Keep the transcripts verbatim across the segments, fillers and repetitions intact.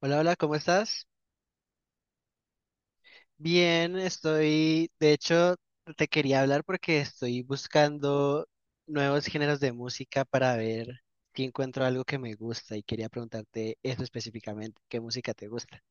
Hola, hola, ¿cómo estás? Bien, estoy, de hecho, te quería hablar porque estoy buscando nuevos géneros de música para ver si encuentro algo que me gusta y quería preguntarte eso específicamente, ¿qué música te gusta?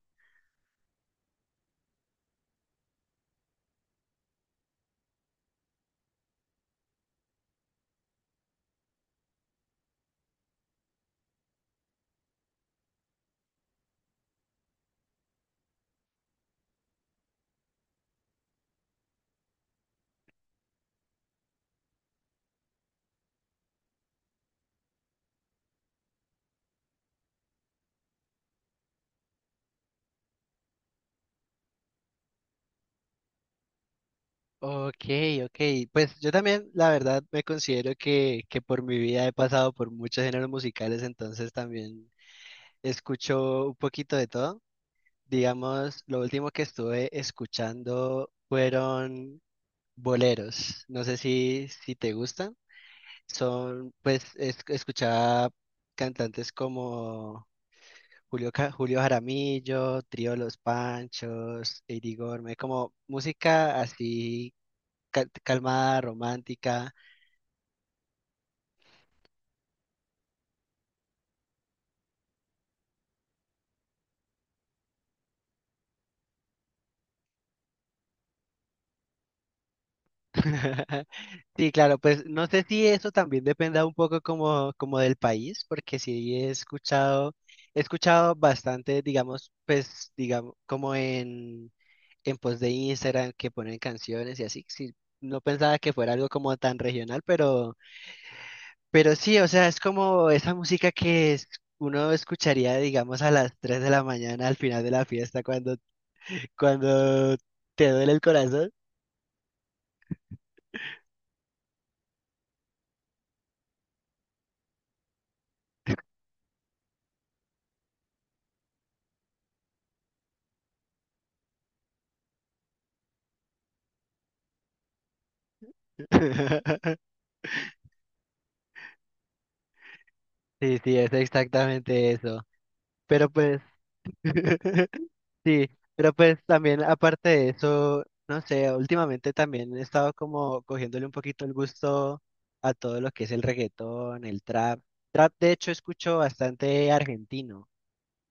Ok, ok. Pues yo también, la verdad, me considero que, que, por mi vida he pasado por muchos géneros musicales, entonces también escucho un poquito de todo. Digamos, lo último que estuve escuchando fueron boleros. No sé si, si, te gustan. Son, pues, es- escuchaba cantantes como Julio, Ca- Julio Jaramillo, Trío Los Panchos, Eddie Gorme, como música así cal- calmada, romántica. Sí, claro, pues no sé si eso también dependa un poco como, como del país, porque sí he escuchado, he escuchado bastante, digamos, pues, digamos, como en, en post de Instagram que ponen canciones y así, sí, no pensaba que fuera algo como tan regional, pero, pero sí, o sea, es como esa música que es- uno escucharía, digamos, a las tres de la mañana al final de la fiesta cuando, cuando, te duele el corazón. Sí, sí, es exactamente eso. Pero pues, sí, pero pues también aparte de eso, no sé, últimamente también he estado como cogiéndole un poquito el gusto a todo lo que es el reggaetón, el trap. Trap, de hecho, escucho bastante argentino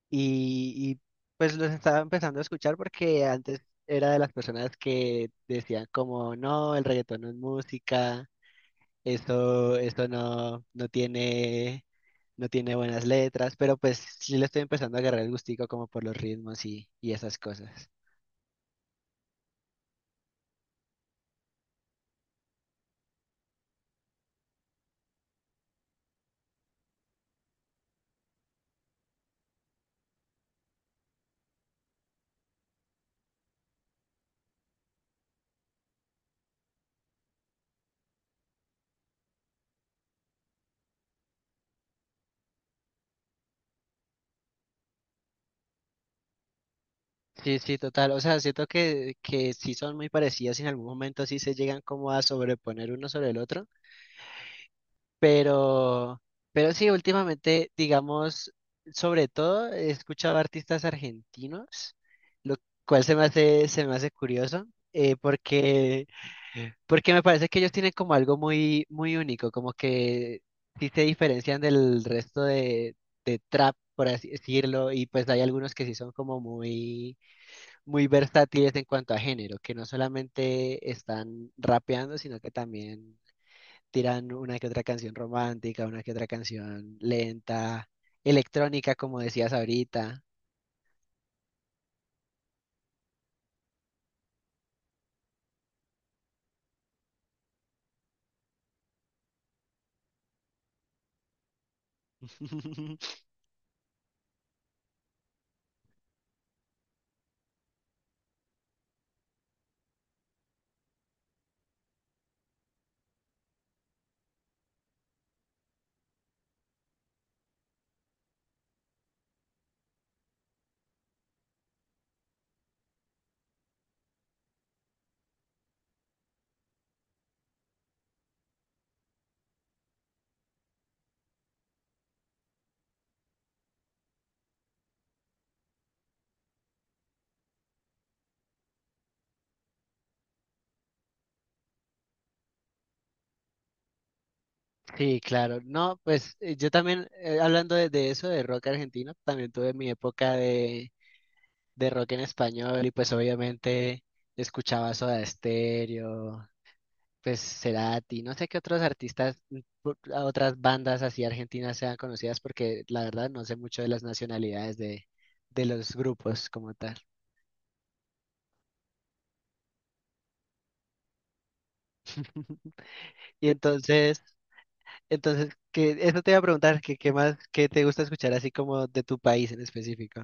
y, y, pues los estaba empezando a escuchar porque antes era de las personas que decían como, no, el reggaetón no es música. Eso, eso no, no tiene, no tiene, buenas letras, pero pues sí le estoy empezando a agarrar el gustico como por los ritmos y, y, esas cosas. Sí, sí, total. O sea, siento que, que sí son muy parecidas y en algún momento sí se llegan como a sobreponer uno sobre el otro, pero, pero, sí, últimamente, digamos, sobre todo he escuchado artistas argentinos, lo cual se me hace, se me hace curioso, eh, porque Porque me parece que ellos tienen como algo muy, muy único, como que sí se diferencian del resto de, de trap, por así decirlo, y pues hay algunos que sí son como muy, muy versátiles en cuanto a género, que no solamente están rapeando, sino que también tiran una que otra canción romántica, una que otra canción lenta, electrónica, como decías ahorita. Sí, claro. No, pues eh, yo también, eh, hablando de, de, eso, de rock argentino, también tuve mi época de de rock en español y pues obviamente escuchaba Soda Stereo, pues Cerati, no sé qué otros artistas, mm, pu- a otras bandas así argentinas sean conocidas porque la verdad no sé mucho de las nacionalidades de, de, los grupos como tal. Y entonces, entonces que eso te iba a preguntar, que qué más, qué te gusta escuchar así como de tu país en específico.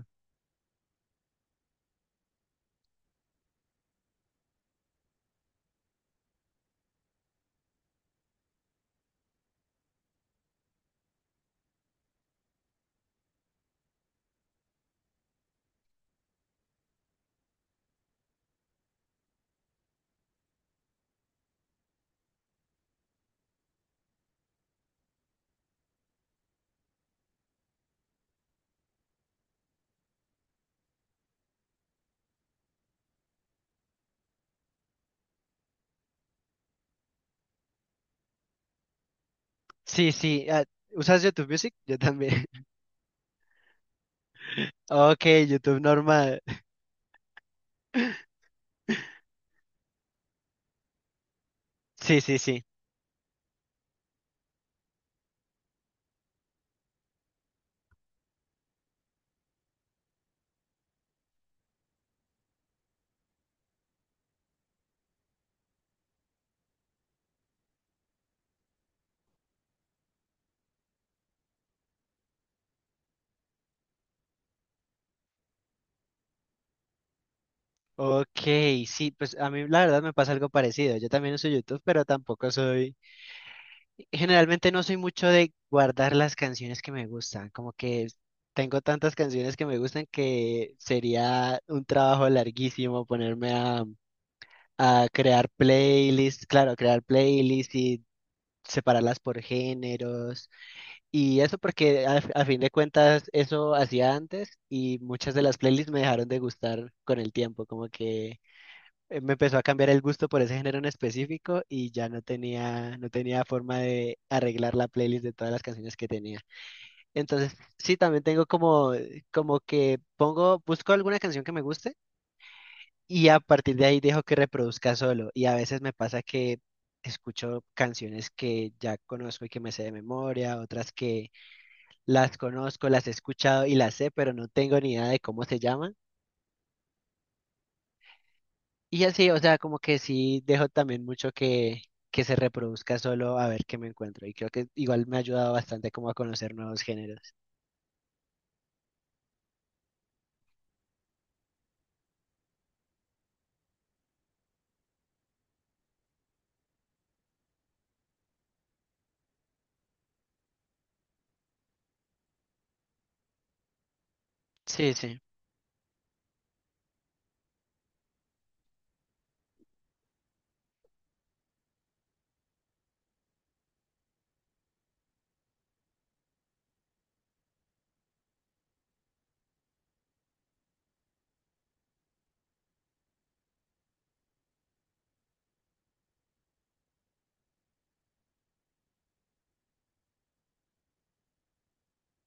Sí, sí, ah, ¿usas YouTube Music? Yo también. Ok, YouTube normal. Sí, sí, sí. Ok, sí, pues a mí la verdad me pasa algo parecido. Yo también uso YouTube, pero tampoco soy, generalmente no soy mucho de guardar las canciones que me gustan. Como que tengo tantas canciones que me gustan que sería un trabajo larguísimo ponerme a, a crear playlists, claro, crear playlists y separarlas por géneros. Y eso porque a, a fin de cuentas eso hacía antes y muchas de las playlists me dejaron de gustar con el tiempo, como que eh, me empezó a cambiar el gusto por ese género en específico y ya no tenía, no tenía, forma de arreglar la playlist de todas las canciones que tenía. Entonces, sí, también tengo como, como que pongo, busco alguna canción que me guste y a partir de ahí dejo que reproduzca solo. Y a veces me pasa que escucho canciones que ya conozco y que me sé de memoria, otras que las conozco, las he escuchado y las sé, pero no tengo ni idea de cómo se llaman. Y así, o sea, como que sí dejo también mucho que, que se reproduzca solo a ver qué me encuentro. Y creo que igual me ha ayudado bastante como a conocer nuevos géneros. Sí, sí.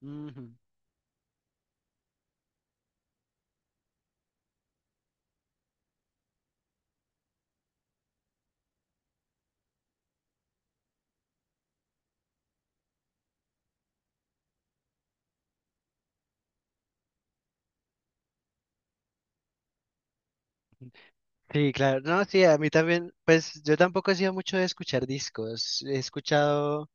Ujú. Sí, claro. No, sí, a mí también, pues yo tampoco he sido mucho de escuchar discos. He escuchado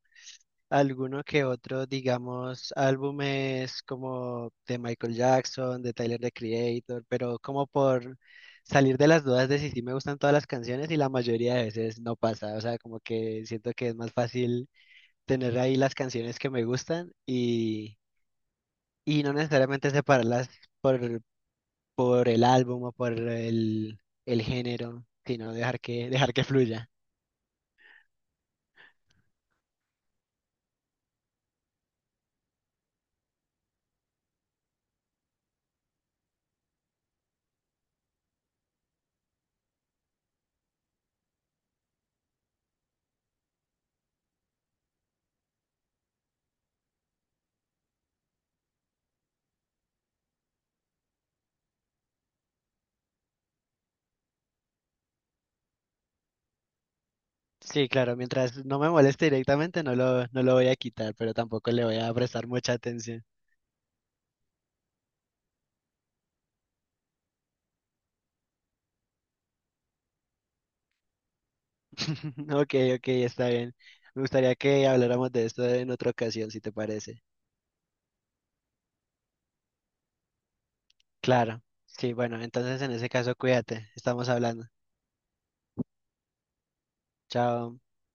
alguno que otro, digamos, álbumes como de Michael Jackson, de Tyler the Creator, pero como por salir de las dudas de si sí me gustan todas las canciones y la mayoría de veces no pasa, o sea, como que siento que es más fácil tener ahí las canciones que me gustan y, y, no necesariamente separarlas por, por el álbum o por el, el género, sino dejar que, dejar que fluya. Sí, claro, mientras no me moleste directamente no lo, no lo, voy a quitar, pero tampoco le voy a prestar mucha atención. Ok, ok, está bien. Me gustaría que habláramos de esto en otra ocasión, si te parece. Claro, sí, bueno, entonces en ese caso cuídate, estamos hablando. Chao.